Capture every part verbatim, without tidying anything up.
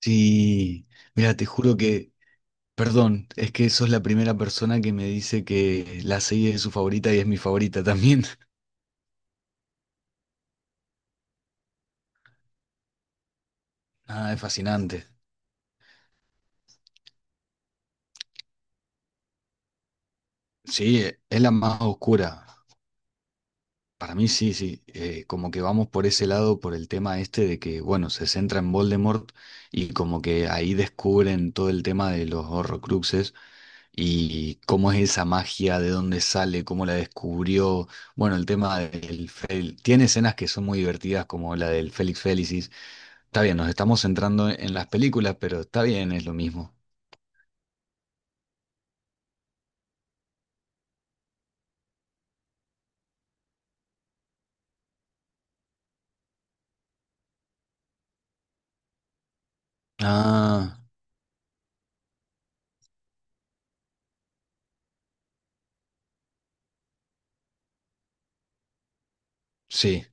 Sí, mira, te juro que, perdón, es que sos la primera persona que me dice que la serie es su favorita y es mi favorita también. Nada, es fascinante. Sí, es la más oscura. Para mí sí, sí, eh, como que vamos por ese lado, por el tema este de que, bueno, se centra en Voldemort y como que ahí descubren todo el tema de los Horrocruxes y cómo es esa magia, de dónde sale, cómo la descubrió, bueno, el tema del... fel- tiene escenas que son muy divertidas como la del Félix Felicis. Está bien, nos estamos centrando en las películas, pero está bien, es lo mismo. Ah, sí,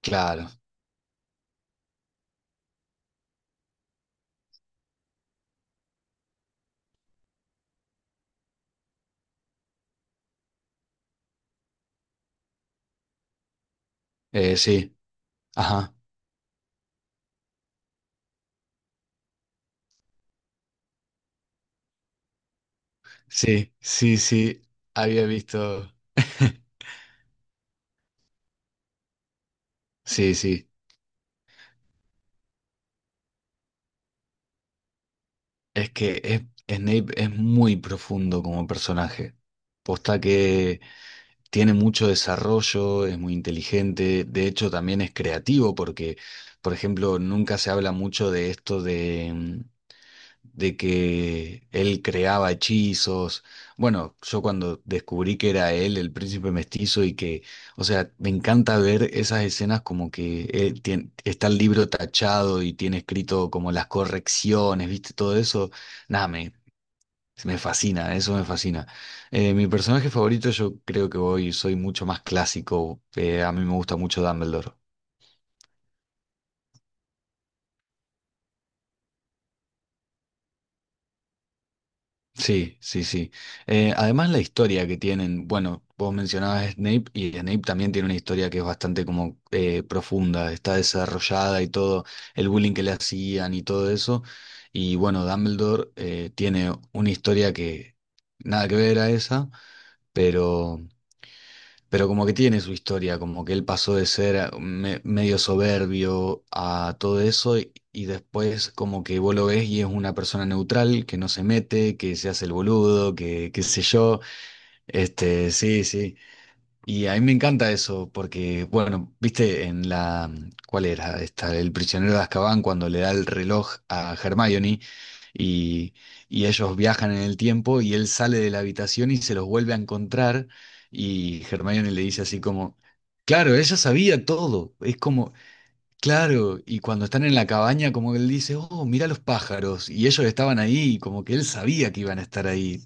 claro, eh, sí, ajá. Sí, sí, sí, había visto. Sí, sí. Es que es- Snape es muy profundo como personaje. Posta que tiene mucho desarrollo, es muy inteligente, de hecho también es creativo porque, por ejemplo, nunca se habla mucho de esto de mm, de que él creaba hechizos. Bueno, yo cuando descubrí que era él, el príncipe mestizo, y que, o sea, me encanta ver esas escenas como que eh, tien- está el libro tachado y tiene escrito como las correcciones, ¿viste? Todo eso, nada, me, me fascina, eso me fascina. Eh, mi personaje favorito, yo creo que hoy soy mucho más clásico, eh, a mí me gusta mucho Dumbledore. Sí, sí, sí. Eh, además la historia que tienen, bueno, vos mencionabas a Snape y Snape también tiene una historia que es bastante como eh, profunda, está desarrollada y todo, el bullying que le hacían y todo eso. Y bueno, Dumbledore eh, tiene una historia que nada que ver a esa, pero pero como que tiene su historia, como que él pasó de ser eh, me- medio soberbio a todo eso y, y después como que vos lo ves y es una persona neutral, que no se mete, que se hace el boludo, que qué sé yo. Este, sí, sí. Y a mí me encanta eso, porque, bueno, viste en la, ¿cuál era? Esta, El prisionero de Azkaban, cuando le da el reloj a Hermione y, y ellos viajan en el tiempo y él sale de la habitación y se los vuelve a encontrar y Hermione le dice así como, claro, ella sabía todo, es como, claro, y cuando están en la cabaña como que él dice, oh, mira los pájaros, y ellos estaban ahí, como que él sabía que iban a estar ahí.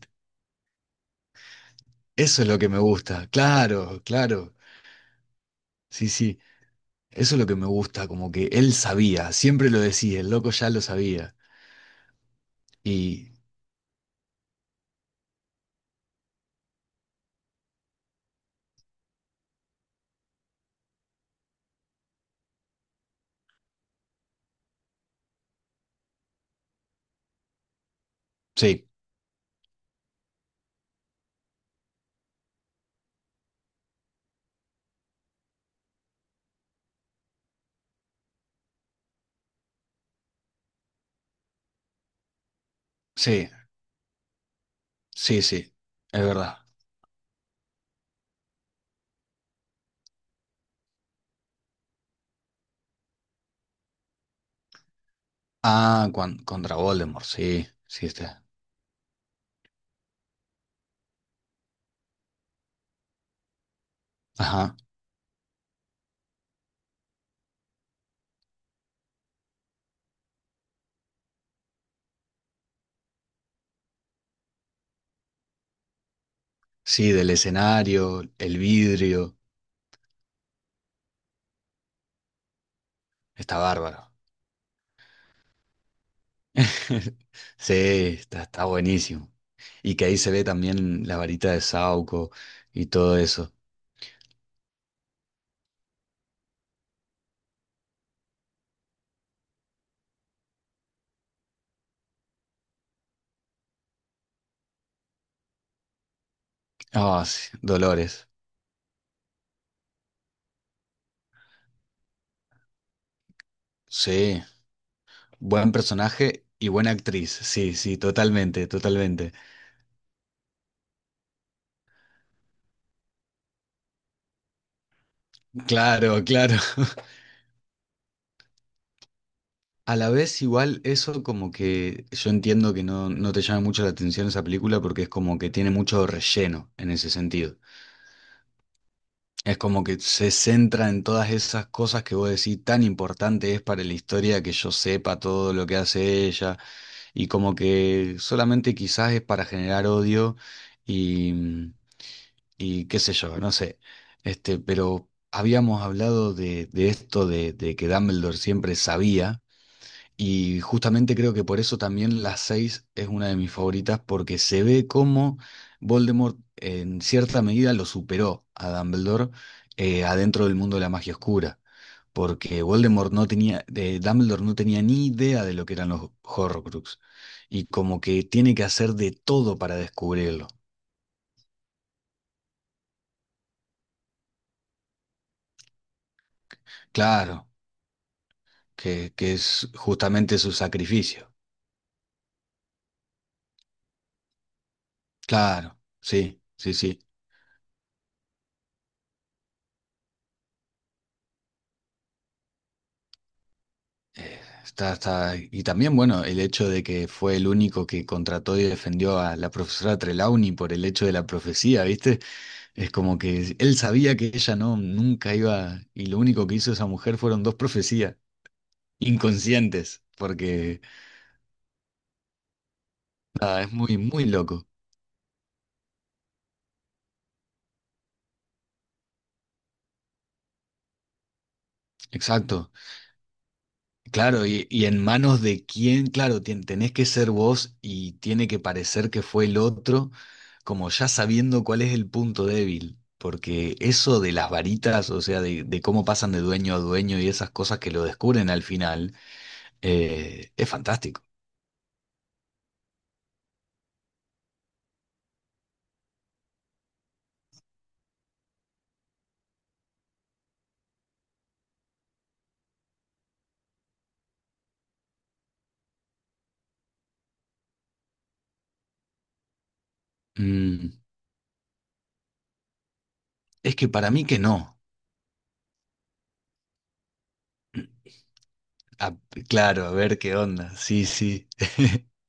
Eso es lo que me gusta, claro, claro, sí, sí. Eso es lo que me gusta, como que él sabía, siempre lo decía, el loco ya lo sabía. Y sí, sí, sí, sí, es verdad. Ah, cuan- contra Voldemort, sí, sí está. Ajá, sí, del escenario, el vidrio, está bárbaro. Sí, está, está buenísimo. Y que ahí se ve también la varita de Sauco y todo eso. Ah, sí, Dolores, sí, buen personaje y buena actriz, sí, sí, totalmente, totalmente. Claro, claro. A la vez igual eso como que yo entiendo que no, no te llama mucho la atención esa película porque es como que tiene mucho relleno en ese sentido. Es como que se centra en todas esas cosas que vos decís tan importante es para la historia que yo sepa todo lo que hace ella y como que solamente quizás es para generar odio y, mm, y qué sé yo, no sé. Este, pero habíamos hablado de, de esto de de que Dumbledore siempre sabía. Y justamente creo que por eso también la seis es una de mis favoritas, porque se ve cómo Voldemort en cierta medida lo superó a Dumbledore eh, adentro del mundo de la magia oscura. Porque Voldemort no tenía, eh, Dumbledore no tenía ni idea de lo que eran los Horrocrux. Y como que tiene que hacer de todo para descubrirlo. Claro, que, que es justamente su sacrificio. Claro, sí, sí, sí. Eh, Está, está- Y también, bueno, el hecho de que fue el único que contrató y defendió a la profesora Trelawney por el hecho de la profecía, ¿viste? Es como que él sabía que ella no, nunca iba, y lo único que hizo esa mujer fueron dos profecías inconscientes, porque nada, es muy, muy loco. Exacto. Claro, y, y en manos de quién, claro, tien- tenés que ser vos y tiene que parecer que fue el otro, como ya sabiendo cuál es el punto débil, porque eso de las varitas, o sea, de, de cómo pasan de dueño a dueño y esas cosas que lo descubren al final, eh, es fantástico. Mm, es que para mí que no. Ah, claro, a ver qué onda. Sí, sí.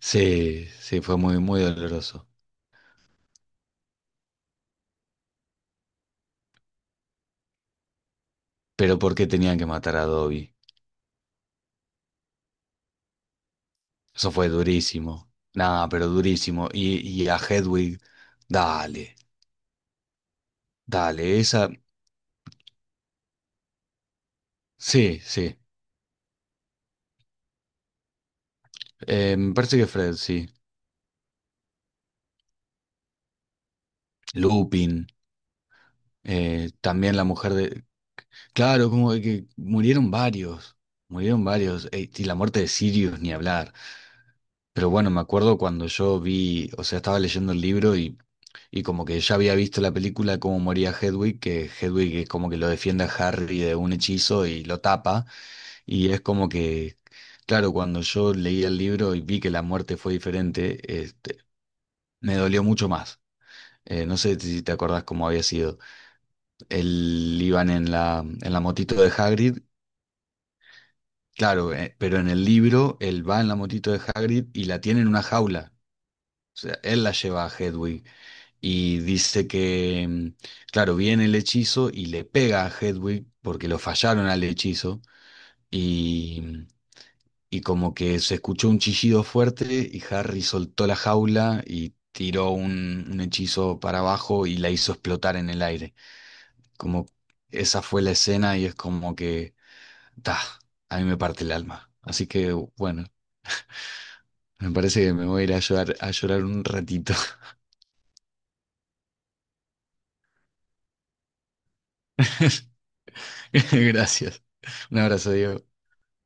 Sí, sí, fue muy, muy doloroso. Pero ¿por qué tenían que matar a Dobby? Eso fue durísimo. Nada, pero durísimo. Y, y a Hedwig, dale, dale, esa. Sí, sí. Eh, me parece que Fred, sí. Lupin, eh, también la mujer de. Claro, como que murieron varios. Murieron varios. Eh, y la muerte de Sirius, ni hablar. Pero bueno, me acuerdo cuando yo vi, o sea, estaba leyendo el libro y, y como que ya había visto la película de cómo moría Hedwig, que Hedwig es como que lo defiende a Harry de un hechizo y lo tapa. Y es como que, claro, cuando yo leí el libro y vi que la muerte fue diferente, este, me dolió mucho más. Eh, no sé si te acordás cómo había sido. Él iban en la, en la motito de Hagrid, claro, eh, pero en el libro él va en la motito de Hagrid y la tiene en una jaula. O sea, él la lleva a Hedwig y dice que, mm, claro, viene el hechizo y le pega a Hedwig porque lo fallaron al hechizo. Y como que se escuchó un chillido fuerte y Harry soltó la jaula y tiró un, un hechizo para abajo y la hizo explotar en el aire. Como esa fue la escena y es como que, ta, a mí me parte el alma. Así que bueno, me parece que me voy a ir a llorar, a llorar un ratito. Gracias. Un abrazo, Diego.